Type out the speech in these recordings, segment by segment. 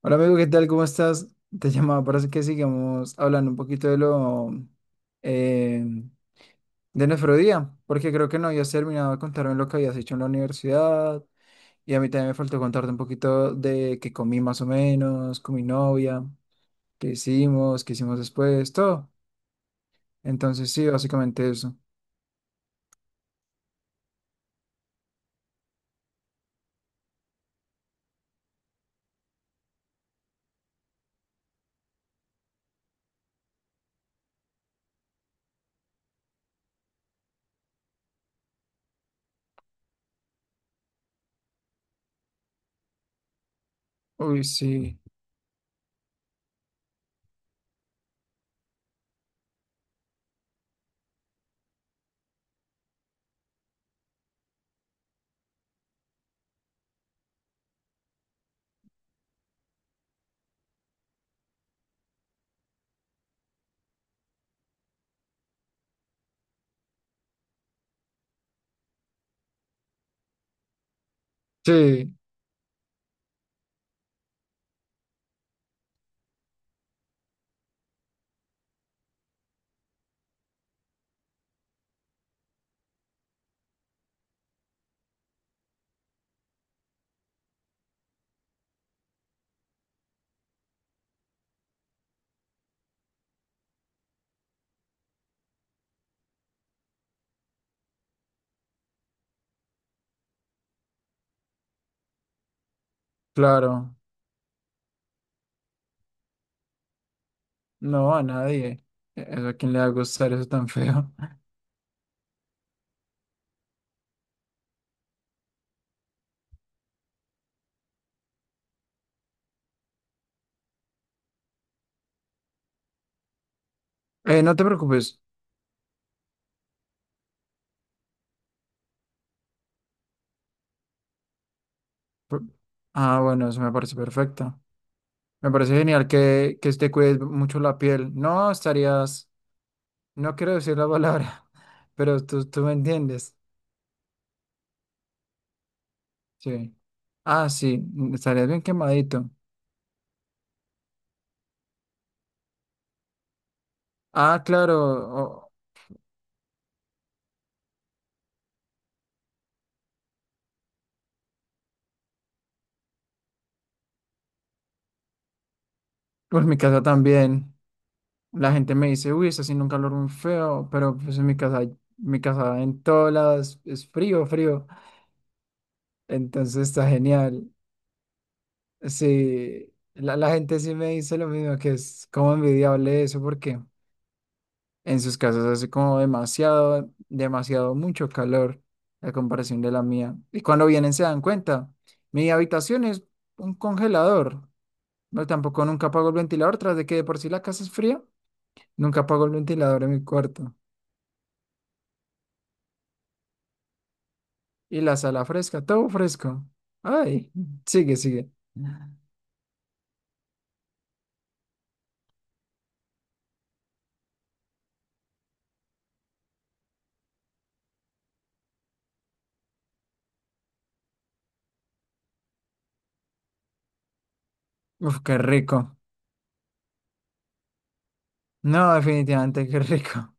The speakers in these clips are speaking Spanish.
Hola amigo, ¿qué tal? ¿Cómo estás? Te llamaba para que sigamos hablando un poquito de lo eh, de nuestro día, porque creo que no habías terminado de contarme lo que habías hecho en la universidad y a mí también me faltó contarte un poquito de qué comí más o menos, con mi novia, qué hicimos después, todo. Entonces sí, básicamente eso. Uy, sí. Sí, claro. No a nadie. ¿A quién le va a gustar eso tan feo? No te preocupes. Por- Ah, bueno, eso me parece perfecto. Me parece genial que te cuides mucho la piel. No estarías, no quiero decir la palabra, pero tú me entiendes. Sí. Ah, sí, mm, estarías bien quemadito. Ah, claro, o- pues en mi casa también. La gente me dice, uy, está haciendo un calor muy feo, pero pues en mi casa en todos lados es frío, frío. Entonces está genial. Sí, la gente sí me dice lo mismo, que es como envidiable eso, porque... En sus casas hace como demasiado, demasiado mucho calor a comparación de la mía. Y cuando vienen se dan cuenta, mi habitación es un congelador. No, tampoco nunca apago el ventilador, tras de que de por sí la casa es fría, nunca apago el ventilador en mi cuarto. Y la sala fresca, todo fresco. Ay, sigue, sigue. Uf, qué rico. No, definitivamente qué rico.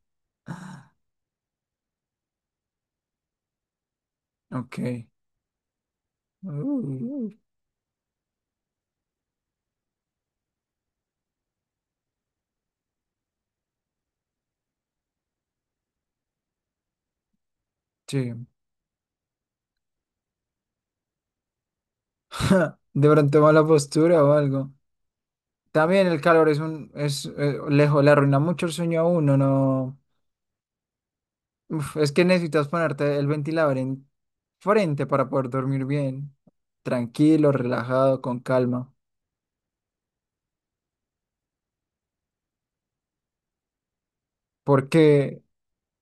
Ok. Uh, sí. De pronto mala postura o algo. También el calor es le arruina mucho el sueño a uno, no. Uf, es que necesitas ponerte el ventilador en frente para poder dormir bien, tranquilo, relajado, con calma. Porque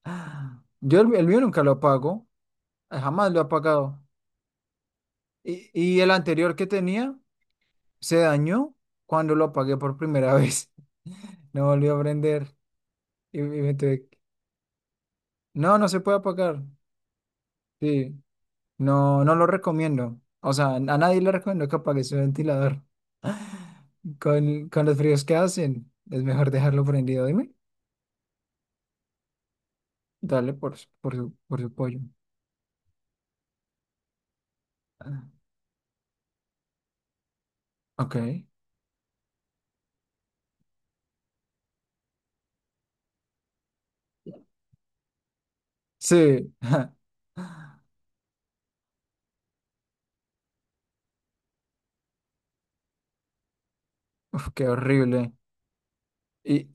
ah, yo el mío nunca lo apago, jamás lo he apagado. Y, y el anterior que tenía se dañó cuando lo apagué por primera vez. No volvió a prender. Y, y me tuve que- No, no se puede apagar. Sí. No, no lo recomiendo. O sea, a nadie le recomiendo que apague su ventilador. Con los fríos que hacen, es mejor dejarlo prendido. Dime, dale por su pollo. Ah, Ok. Sí. Uf, qué horrible. Y,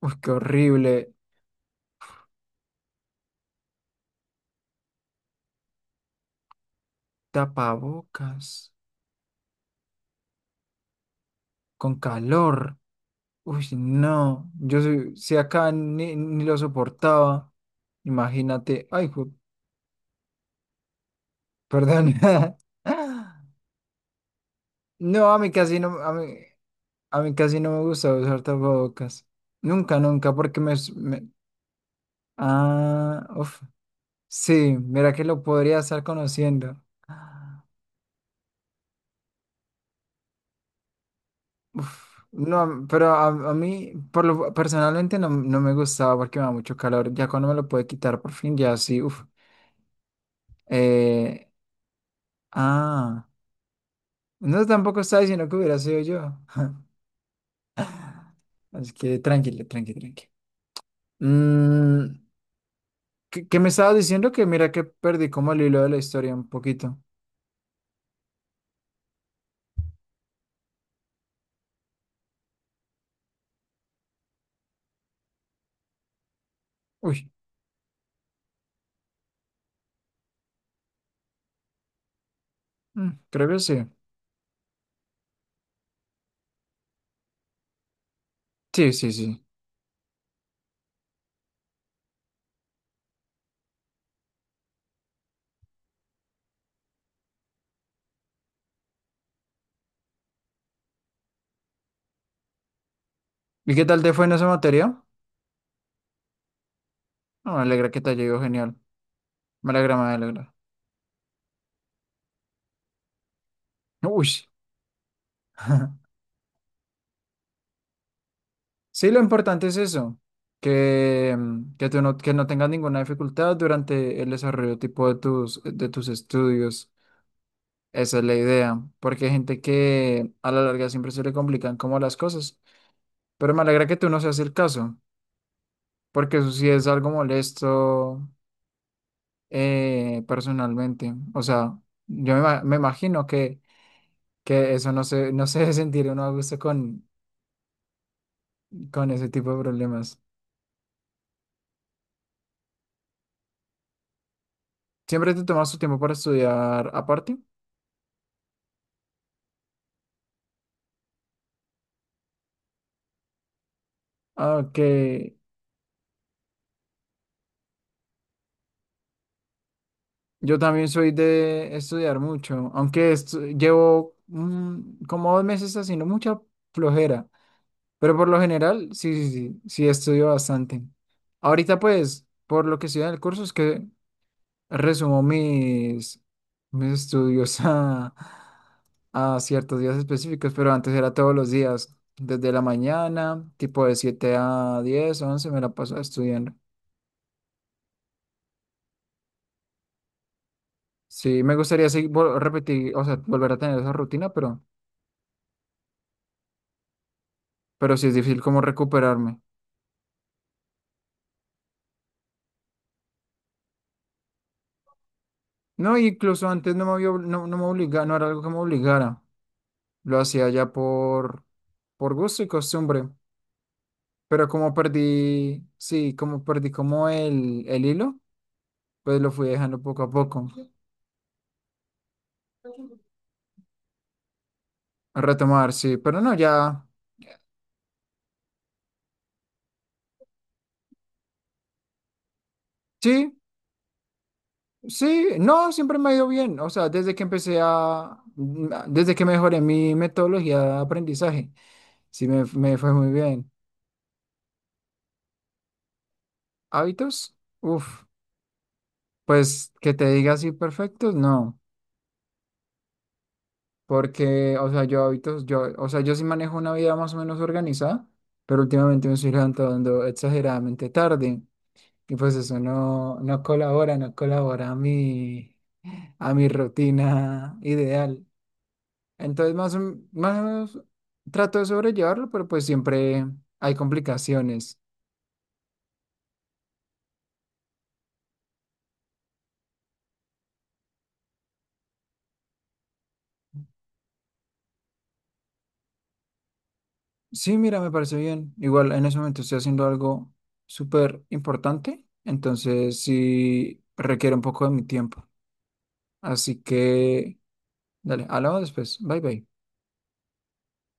uf, qué horrible. Tapabocas con calor. Uy, no. Si acá ni lo soportaba. Imagínate. Perdón. No, a mí casi no. A mí casi no me gusta usar tapabocas. Nunca, nunca, porque Ah, uf. Sí, mira que lo podría estar conociendo. Uf. No, pero a mí, por lo, personalmente no, no me gustaba porque me da mucho calor. Ya cuando me lo pude quitar por fin, ya sí, uf. Eh, ah, no, tampoco estaba diciendo que hubiera sido yo. Así que tranquilo, tranqui. Mm, ¿qué me estabas diciendo? Que mira que perdí como el hilo de la historia un poquito. Uy. Mm, creo que sí. Sí, sí, sí. ¿Y qué tal te fue en esa materia? No, me alegra que te haya ido genial. Me alegra, me alegra. Uy. Sí, lo importante es eso, que, mm, que tú no, que no tengas ninguna dificultad durante el desarrollo tipo de de tus estudios. Esa es la idea, porque hay gente que a la larga siempre se le complican como las cosas. Pero me alegra que tú no seas el caso, porque eso sí es algo molesto personalmente. O sea, me imagino que eso no se debe sentir uno a gusto con ese tipo de problemas. ¿Siempre te tomas tu tiempo para estudiar aparte? Aunque yo también soy de estudiar mucho, llevo mm, como dos meses haciendo mucha flojera, pero por lo general sí, sí estudio bastante. Ahorita pues, por lo que estoy en el curso es que resumo mis estudios a ciertos días específicos, pero antes era todos los días, desde la mañana, tipo de 7 a 10 11 me la paso estudiando. Sí, me gustaría seguir, repetir, o sea, volver a tener esa rutina, pero sí es difícil como recuperarme. No, incluso antes no me había, no me obligaba, no era algo que me obligara. Lo hacía ya por gusto y costumbre. Pero como perdí, sí, como perdí como el hilo, pues lo fui dejando poco a poco, a retomar, sí, pero no, ya, sí, sí, no, siempre me ha ido bien, o sea, desde que empecé a, mm, desde que mejoré mi metodología de aprendizaje, me fue muy bien. Hábitos, uff, pues que te diga así perfectos, no, porque, o sea, yo sí manejo una vida más o menos organizada, pero últimamente me estoy levantando exageradamente tarde. Y pues eso no, no colabora, no colabora a a mi rutina ideal. Entonces más, o más trato de sobrellevarlo, pero pues siempre hay complicaciones. Sí, mira, me parece bien. Igual en ese momento estoy haciendo algo súper importante, entonces sí requiere un poco de mi tiempo. Así que, dale, hablamos después. Bye bye.